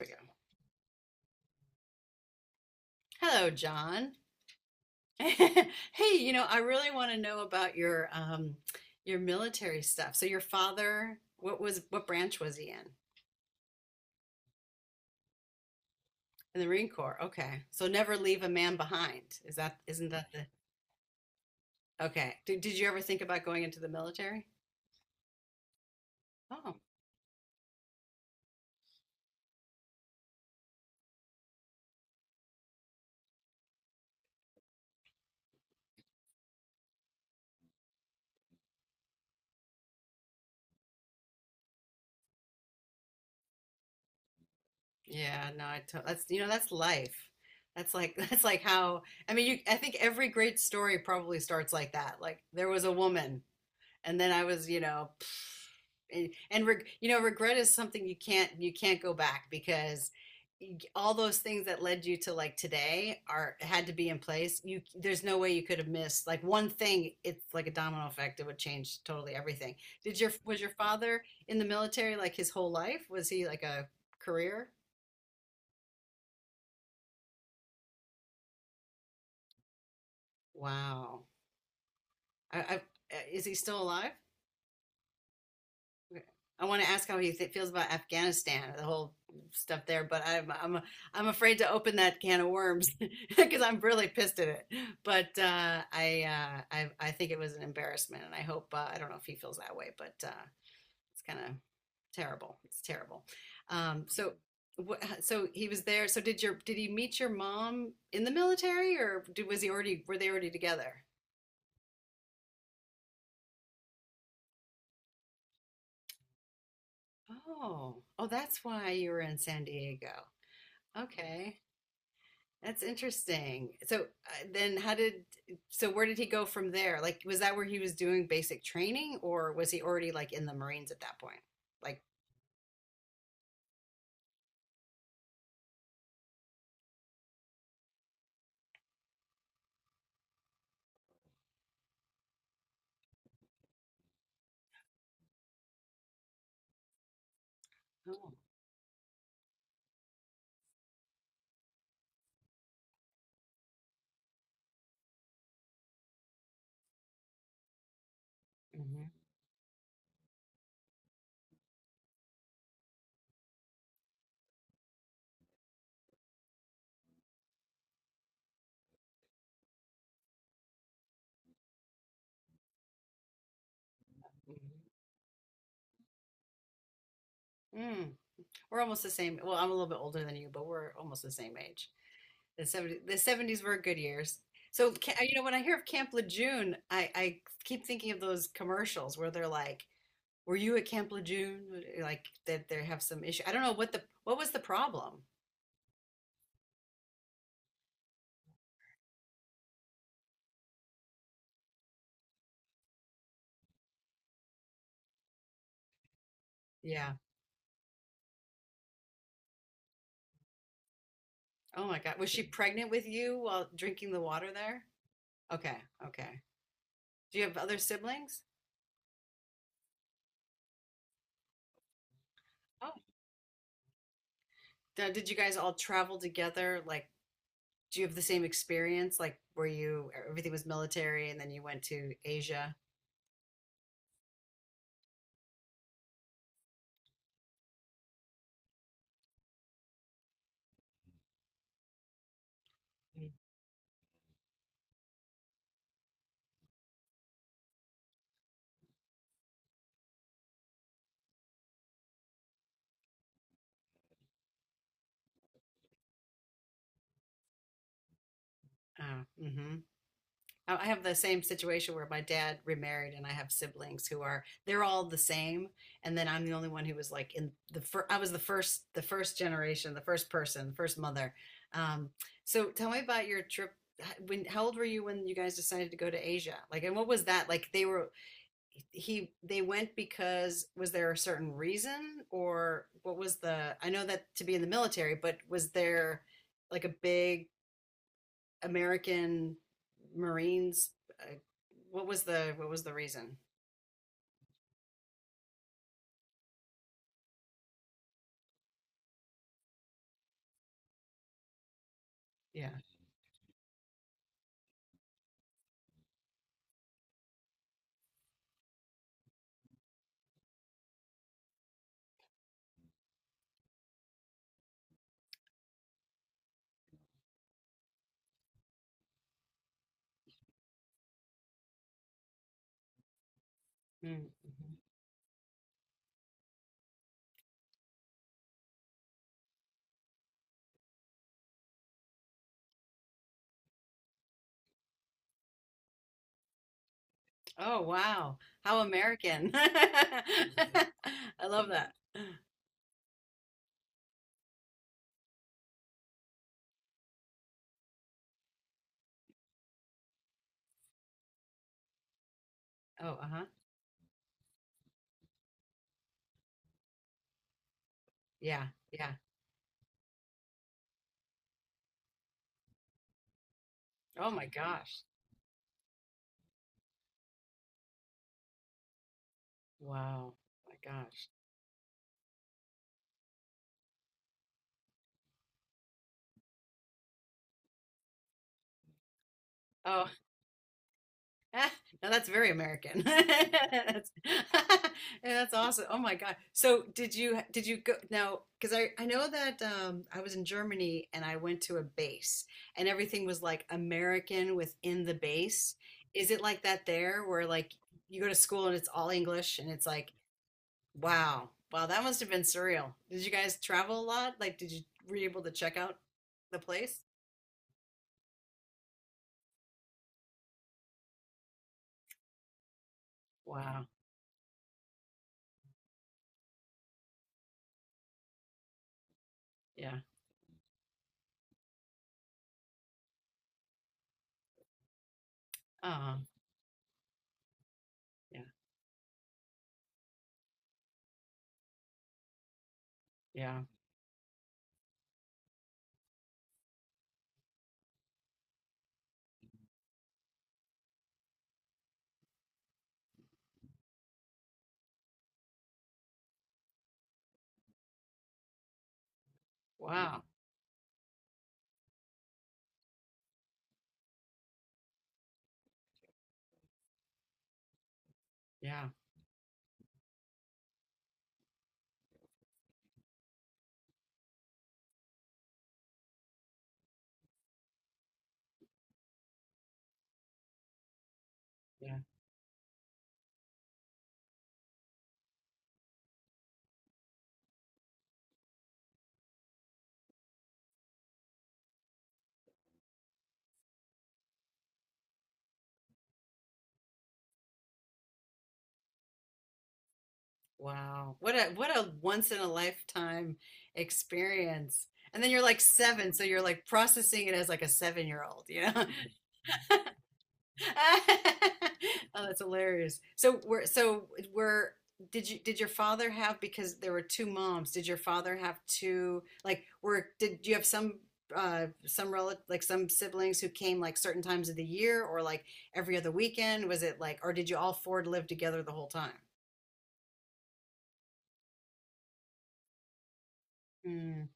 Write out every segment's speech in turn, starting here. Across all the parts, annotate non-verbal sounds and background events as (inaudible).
We go. Hello, John. (laughs) Hey, I really want to know about your military stuff. So your father, what branch was he in? In the Marine Corps. Okay. So never leave a man behind. Is that isn't that the Okay. Did you ever think about going into the military? Oh, yeah, no, I to, that's you know, that's life. That's like (laughs) that's like how I mean, you I think every great story probably starts like that. Like there was a woman and then I was, and, regret is something you can't go back because all those things that led you to like today are had to be in place you there's no way you could have missed like one thing. It's like a domino effect. It would change totally everything. Did your was your father in the military like his whole life? Was he like a career? Wow. I, I, is he still alive? Okay. I want to ask how he feels about Afghanistan, the whole stuff there, but I'm I'm afraid to open that can of worms because (laughs) I'm really pissed at it. But I think it was an embarrassment, and I hope I don't know if he feels that way, but it's kind of terrible. It's terrible. So what, so he was there. So did he meet your mom in the military, or did, was he already were they already together? Oh, oh, that's why you were in San Diego. Okay. That's interesting. So then how did so where did he go from there? Like was that where he was doing basic training or was he already like in the Marines at that point? Like oh, mhm, mhm. Mm, we're almost the same. Well, I'm a little bit older than you, but we're almost the same age. The 70s were good years. So you know when I hear of Camp Lejeune, I keep thinking of those commercials where they're like, "Were you at Camp Lejeune?" Like that they have some issue. I don't know what was the problem. Yeah. Oh my God. Was she pregnant with you while drinking the water there? Okay. Okay. Do you have other siblings? Oh. Did you guys all travel together? Like, do you have the same experience? Like, were you, everything was military and then you went to Asia? Mhm. Oh, mm-hmm. I have the same situation where my dad remarried, and I have siblings who are they're all the same, and then I'm the only one who was like in the first. I was the first generation, the first person, the first mother. Um, so tell me about your trip. When how old were you when you guys decided to go to Asia? Like, and what was that like? They were he they went because was there a certain reason or what was the? I know that to be in the military, but was there like a big American Marines. Uh, what was the reason? Yeah. Mm, mhm. Oh, wow. How American. (laughs) I love that. Oh, uh-huh. Yeah, yeah. Oh my gosh. Wow. My gosh. Oh, (laughs) Ah, now that's very American. (laughs) That's, (laughs) that's awesome. Oh my God. So did you go now? Because I know that I was in Germany and I went to a base and everything was like American within the base. Is it like that there where like you go to school and it's all English and it's like wow wow that must have been surreal. Did you guys travel a lot? Like did you were you able to check out the place? Wow. Yeah. Um. Yeah. Yeah. Wow. Yeah. Yeah. Wow. What a once in a lifetime experience. And then you're like seven, so you're like processing it as like a 7 year old, you know? (laughs) Oh, that's hilarious. So we're did you did your father have, because there were two moms, did your father have two like were did you have some relative like some siblings who came like certain times of the year or like every other weekend? Was it like or did you all four live together the whole time? Mm,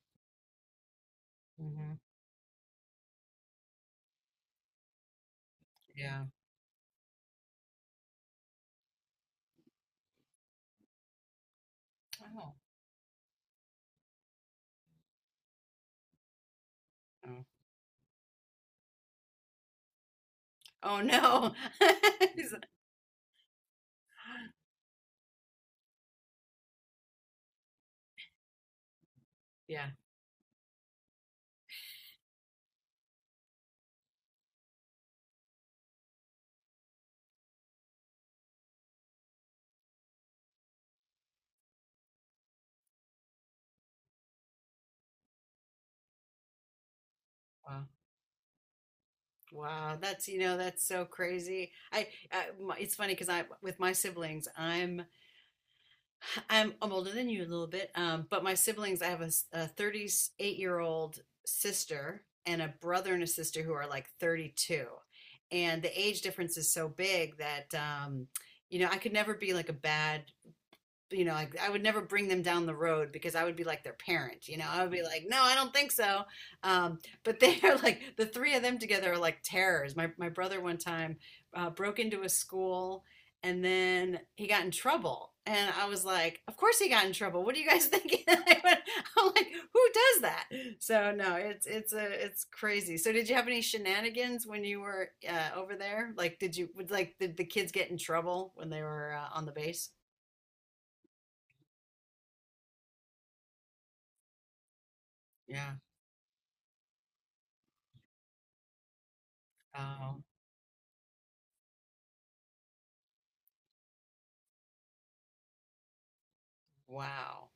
mhm. Yeah. Oh. Oh, Oh no. (laughs) yeah. Wow. Wow, that's you know that's so crazy. I, my- it's funny because I with my siblings I'm I'm older than you a little bit, but my siblings I have a, 38-year-old sister and a brother and a sister who are like 32, and the age difference is so big that you know I could never be like a bad you know, like I would never bring them down the road because I would be like their parent, you know. I would be like, no, I don't think so. Um, but (laughs) they're like the three of them together are like terrors. My brother one time broke into a school and then he got in trouble. And I was like, of course he got in trouble. What are you guys thinking? (laughs) I'm like, who does that? So no, it's crazy. So did you have any shenanigans when you were over there? Like, did you like did the kids get in trouble when they were on the base? Yeah. Oh, wow.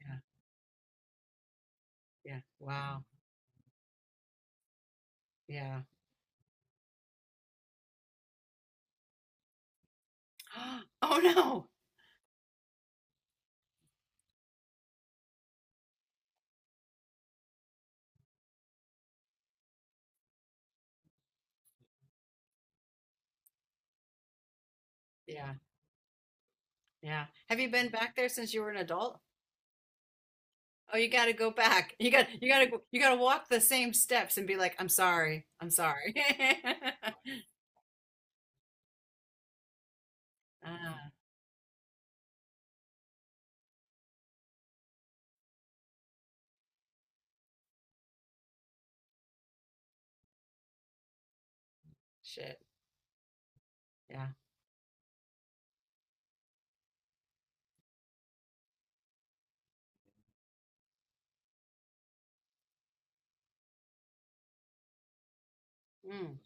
Yeah, yeah. Wow. Yeah. (gasps) Oh no. Yeah, yeah. Have you been back there since you were an adult? Oh, you got to go back. You got to walk the same steps and be like, "I'm sorry. I'm sorry." (laughs) Ah, shit. Yeah. Mm,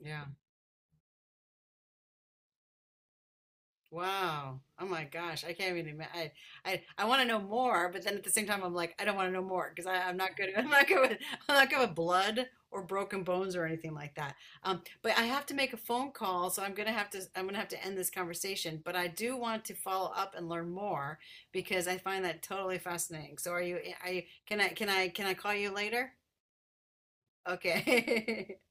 yeah. Wow. Oh my gosh. I can't even imagine. I want to know more, but then at the same time, I'm like, I don't want to know more because I'm not good. (laughs) I'm not good with blood or broken bones or anything like that. But I have to make a phone call, so I'm gonna have to end this conversation. But I do want to follow up and learn more because I find that totally fascinating. So are you, are you, can I call you later? Okay. (laughs)